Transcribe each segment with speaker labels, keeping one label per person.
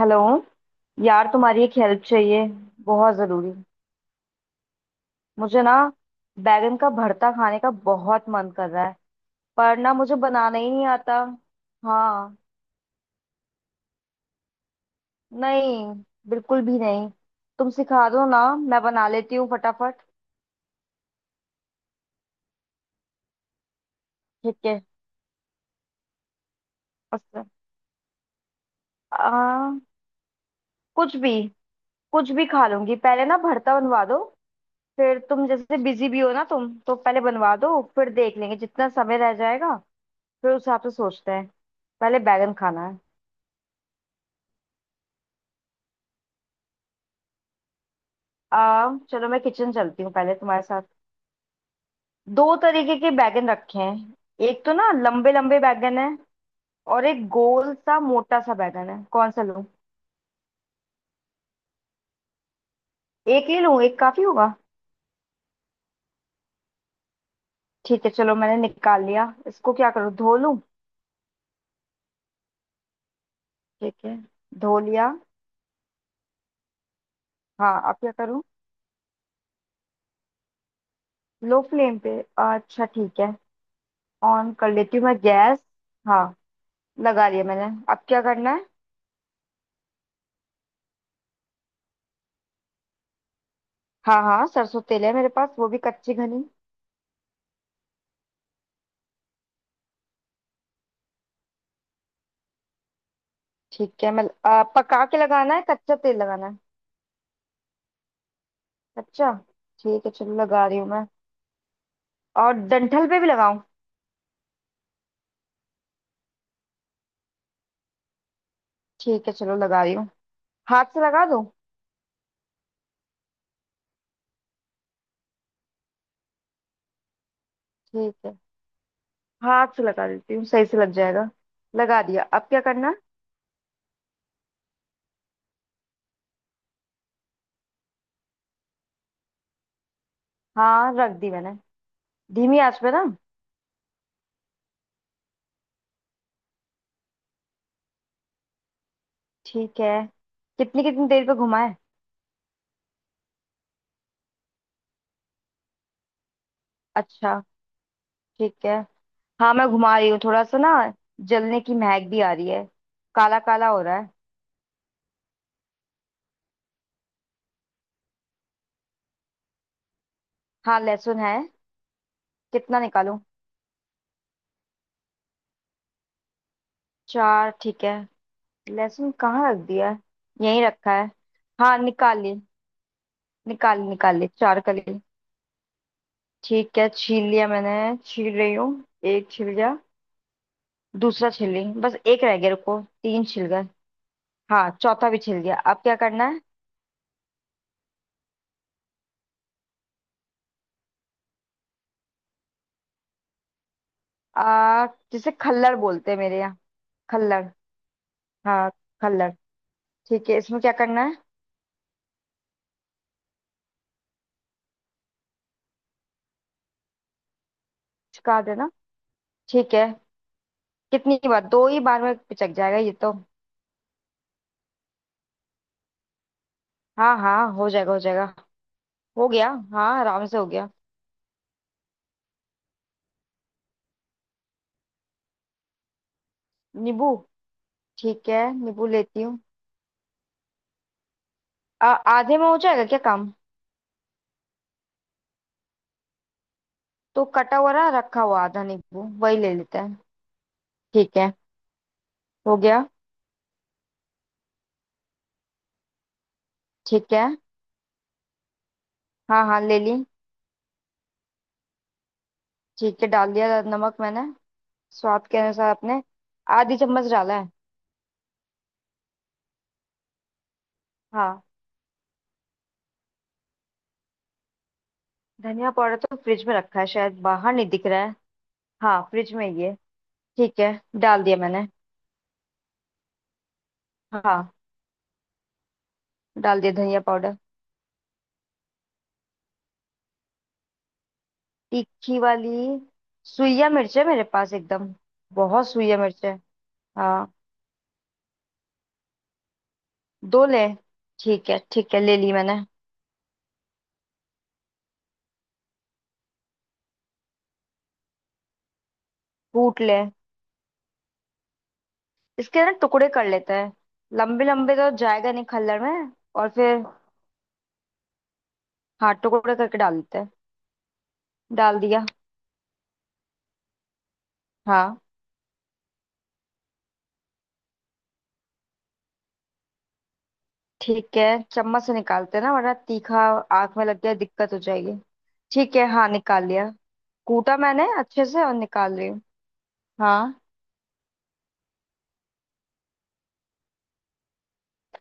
Speaker 1: Hello. यार, तुम्हारी एक हेल्प चाहिए, बहुत ज़रूरी। मुझे ना बैगन का भरता खाने का बहुत मन कर रहा है, पर ना मुझे बनाना ही नहीं आता। हाँ। नहीं, बिल्कुल भी नहीं। तुम सिखा दो ना, मैं बना लेती हूँ फटाफट। ठीक है, बस। आ, कुछ भी, कुछ भी खा लूंगी, पहले ना भरता बनवा दो। फिर तुम जैसे बिजी भी हो ना, तुम तो पहले बनवा दो, फिर देख लेंगे जितना समय रह जाएगा, फिर उस हिसाब से सोचते हैं। पहले बैगन खाना है। चलो मैं किचन चलती हूँ पहले तुम्हारे साथ। दो तरीके के बैगन रखे हैं। एक तो ना लंबे लंबे बैगन है, और एक गोल सा मोटा सा बैगन है, कौन सा लूं। एक ही लूं, एक काफी होगा। ठीक है, चलो मैंने निकाल लिया इसको, क्या करूँ, धो लूं। ठीक है, धो लिया। हाँ, अब क्या करूँ। लो फ्लेम पे। अच्छा, ठीक है। ऑन कर लेती हूँ मैं गैस। हाँ, लगा लिया मैंने, अब क्या करना है। हाँ हाँ, सरसों तेल है मेरे पास, वो भी कच्ची घनी। ठीक है, मैं पका के लगाना है, कच्चा तेल लगाना है? अच्छा, ठीक है, चलो लगा रही हूँ मैं। और डंठल पे भी लगाऊं? ठीक है, चलो लगा रही हूँ। हाथ से लगा दूं? ठीक है, हाथ से लगा देती हूँ, सही से लग जाएगा। लगा दिया, अब क्या करना है? हाँ, रख दी मैंने। धीमी आंच पे ना? ठीक है। कितनी कितनी देर पे घुमाए? अच्छा, ठीक है। हाँ, मैं घुमा रही हूँ थोड़ा सा ना। जलने की महक भी आ रही है, काला काला हो रहा है। हाँ, लहसुन है। कितना निकालूं? चार, ठीक है। लहसुन कहाँ रख दिया है? यहीं रखा है। हाँ, निकाल ली। निकाल निकाल ली चार कली। ठीक है, छील लिया मैंने। छील रही हूँ। एक छिल गया। दूसरा छिल ली, बस एक रह गया, रुको। तीन छिल गए। हाँ, चौथा भी छिल गया, अब क्या करना है। आ, जिसे खल्लड़ बोलते हैं मेरे यहाँ। खल्लड़, हाँ, खल्लड़। ठीक है, इसमें क्या करना है? चिपका देना? ठीक है। कितनी बार, दो ही बार में पिचक जाएगा ये तो। हाँ हाँ, हो जाएगा, हो जाएगा। हो गया, हाँ, आराम से हो गया। नींबू? ठीक है, नींबू लेती हूँ। आधे में हो जाएगा क्या काम? तो कटा हुआ रहा रखा हुआ आधा नींबू, वही ले लेते हैं। ठीक है, हो गया। ठीक है। हाँ हाँ, ले ली। ठीक है, डाल दिया नमक मैंने, स्वाद के अनुसार अपने। आधी चम्मच डाला है। हाँ। धनिया पाउडर तो फ्रिज में रखा है शायद, बाहर नहीं दिख रहा है। हाँ, फ्रिज में ही है। ठीक है, डाल दिया मैंने। हाँ, डाल दिया धनिया पाउडर। तीखी वाली, सुइया मिर्च है मेरे पास एकदम, बहुत सुइया मिर्च है। हाँ, दो ले। ठीक है, ठीक है, ले ली मैंने। कूट ले? इसके ना टुकड़े कर लेते हैं, लंबे लंबे तो जाएगा नहीं खल्लड़ में, और फिर हाँ, टुकड़े करके डाल देते हैं। डाल दिया। हाँ। ठीक है। चम्मच से निकालते हैं ना, वरना तीखा आंख में लग गया, दिक्कत हो जाएगी। ठीक है, हाँ, निकाल लिया। कूटा मैंने अच्छे से, और निकाल रही हूँ। हाँ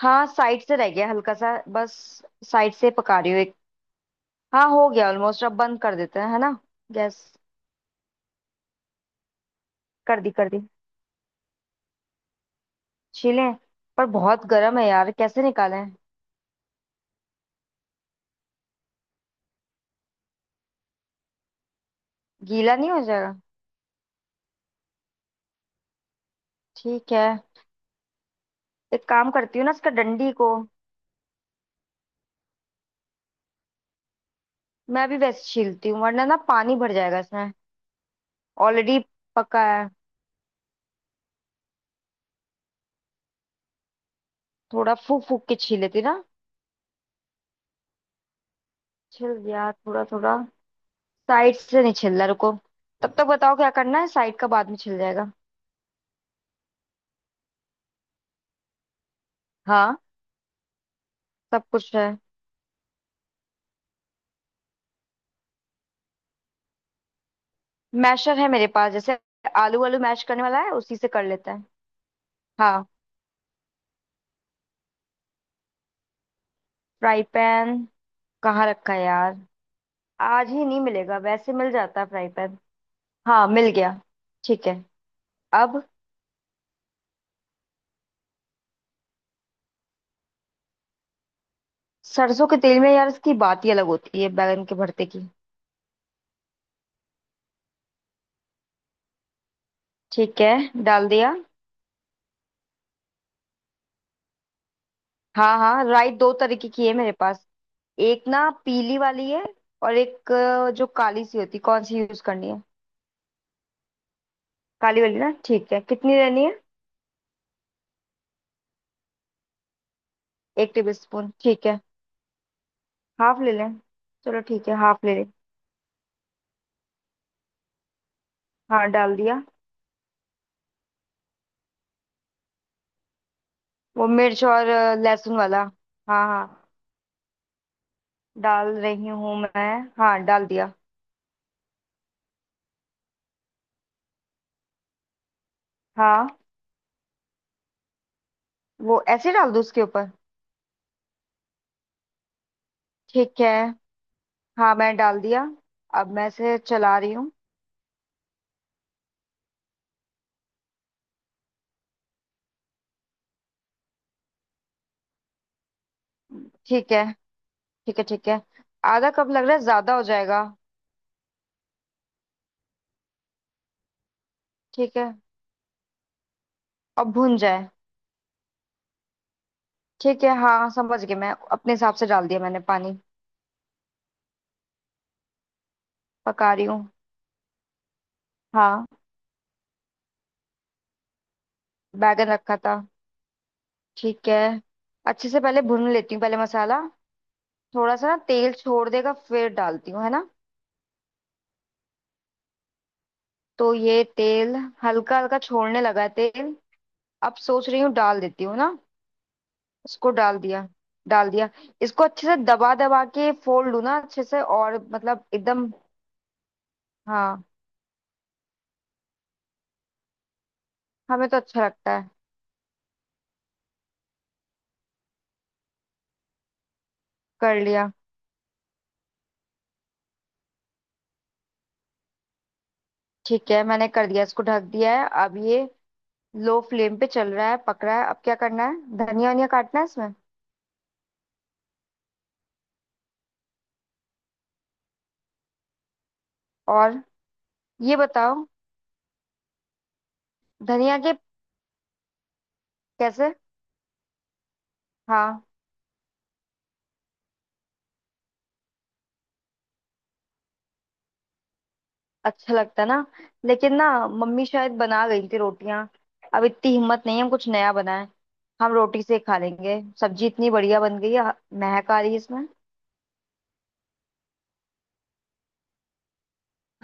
Speaker 1: हाँ, साइड से रह गया हल्का सा बस, साइड से पका रही हूँ एक। हाँ, हो गया ऑलमोस्ट, अब बंद कर देते हैं है ना गैस। कर दी, कर दी। छीलें, पर बहुत गर्म है यार, कैसे निकालें। गीला नहीं हो जाएगा? ठीक है, एक काम करती हूँ ना, इसका डंडी को, मैं अभी वैसे छीलती हूँ, वरना ना पानी भर जाएगा इसमें। ऑलरेडी पका है। थोड़ा फूक फूक के छील लेती ना। छिल गया थोड़ा थोड़ा। साइड से नहीं छिल रहा, रुको, तब तक बताओ क्या करना है, साइड का बाद में छिल जाएगा। हाँ, सब कुछ है। मैशर है मेरे पास, जैसे आलू वालू मैश करने वाला है, उसी से कर लेते हैं। हाँ। फ्राई पैन कहाँ रखा है यार, आज ही नहीं मिलेगा, वैसे मिल जाता है फ्राई पैन। हाँ, मिल गया। ठीक है। अब सरसों के तेल में यार, इसकी बात ही अलग होती है बैगन के भरते की। ठीक है, डाल दिया। हाँ हाँ, राई दो तरीके की है मेरे पास, एक ना पीली वाली है, और एक जो काली सी होती है, कौन सी यूज करनी है? काली वाली ना, ठीक है, कितनी लेनी है? एक टेबल स्पून, ठीक है, हाफ ले लें? चलो ठीक है, हाफ ले लें। हाँ, डाल दिया। वो मिर्च और लहसुन वाला? हाँ हाँ, डाल रही हूँ मैं। हाँ, डाल दिया। हाँ, वो ऐसे डाल दूँ उसके ऊपर? ठीक है, हाँ, मैं डाल दिया, अब मैं इसे चला रही हूँ। ठीक है, ठीक है, ठीक है। आधा कप लग रहा है ज्यादा हो जाएगा। ठीक है, और भुन जाए। ठीक है, हाँ, समझ गई मैं, अपने हिसाब से डाल दिया मैंने पानी। पका रही हूँ। हाँ, बैगन रखा था। ठीक है, अच्छे से पहले भून लेती हूँ, पहले मसाला, थोड़ा सा ना तेल छोड़ देगा, फिर डालती हूँ है ना। तो ये तेल हल्का हल्का छोड़ने लगा है तेल, अब सोच रही हूँ डाल देती हूँ ना। इसको डाल दिया, डाल दिया। इसको अच्छे से दबा दबा के फोल्ड लूँ ना अच्छे से, और मतलब एकदम। हाँ, हमें तो अच्छा लगता है। कर लिया। ठीक है, मैंने कर दिया, इसको ढक दिया है अब ये। लो फ्लेम पे चल रहा है, पक रहा है, अब क्या करना है, धनिया वनिया काटना है इसमें? और ये बताओ। धनिया के कैसे? हाँ, अच्छा लगता है ना, लेकिन ना मम्मी शायद बना गई थी रोटियां, अब इतनी हिम्मत नहीं है हम कुछ नया बनाए, हम रोटी से ही खा लेंगे। सब्जी इतनी बढ़िया बन गई है, महक आ रही है इसमें।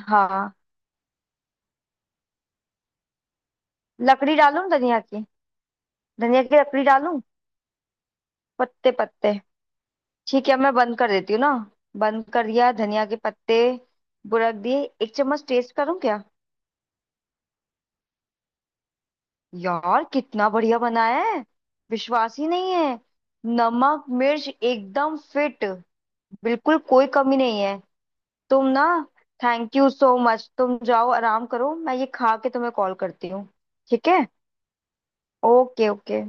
Speaker 1: हाँ। लकड़ी डालूं धनिया की? धनिया की लकड़ी डालूं? पत्ते, पत्ते, ठीक है, मैं बंद कर देती हूँ ना। बंद कर दिया, धनिया के पत्ते बुरक दिए, एक चम्मच टेस्ट करूं क्या? यार, कितना बढ़िया बनाया है, विश्वास ही नहीं है। नमक मिर्च एकदम फिट, बिल्कुल कोई कमी नहीं है। तुम ना, थैंक यू सो मच। तुम जाओ आराम करो, मैं ये खा के तुम्हें कॉल करती हूँ। ठीक है, ओके, ओके।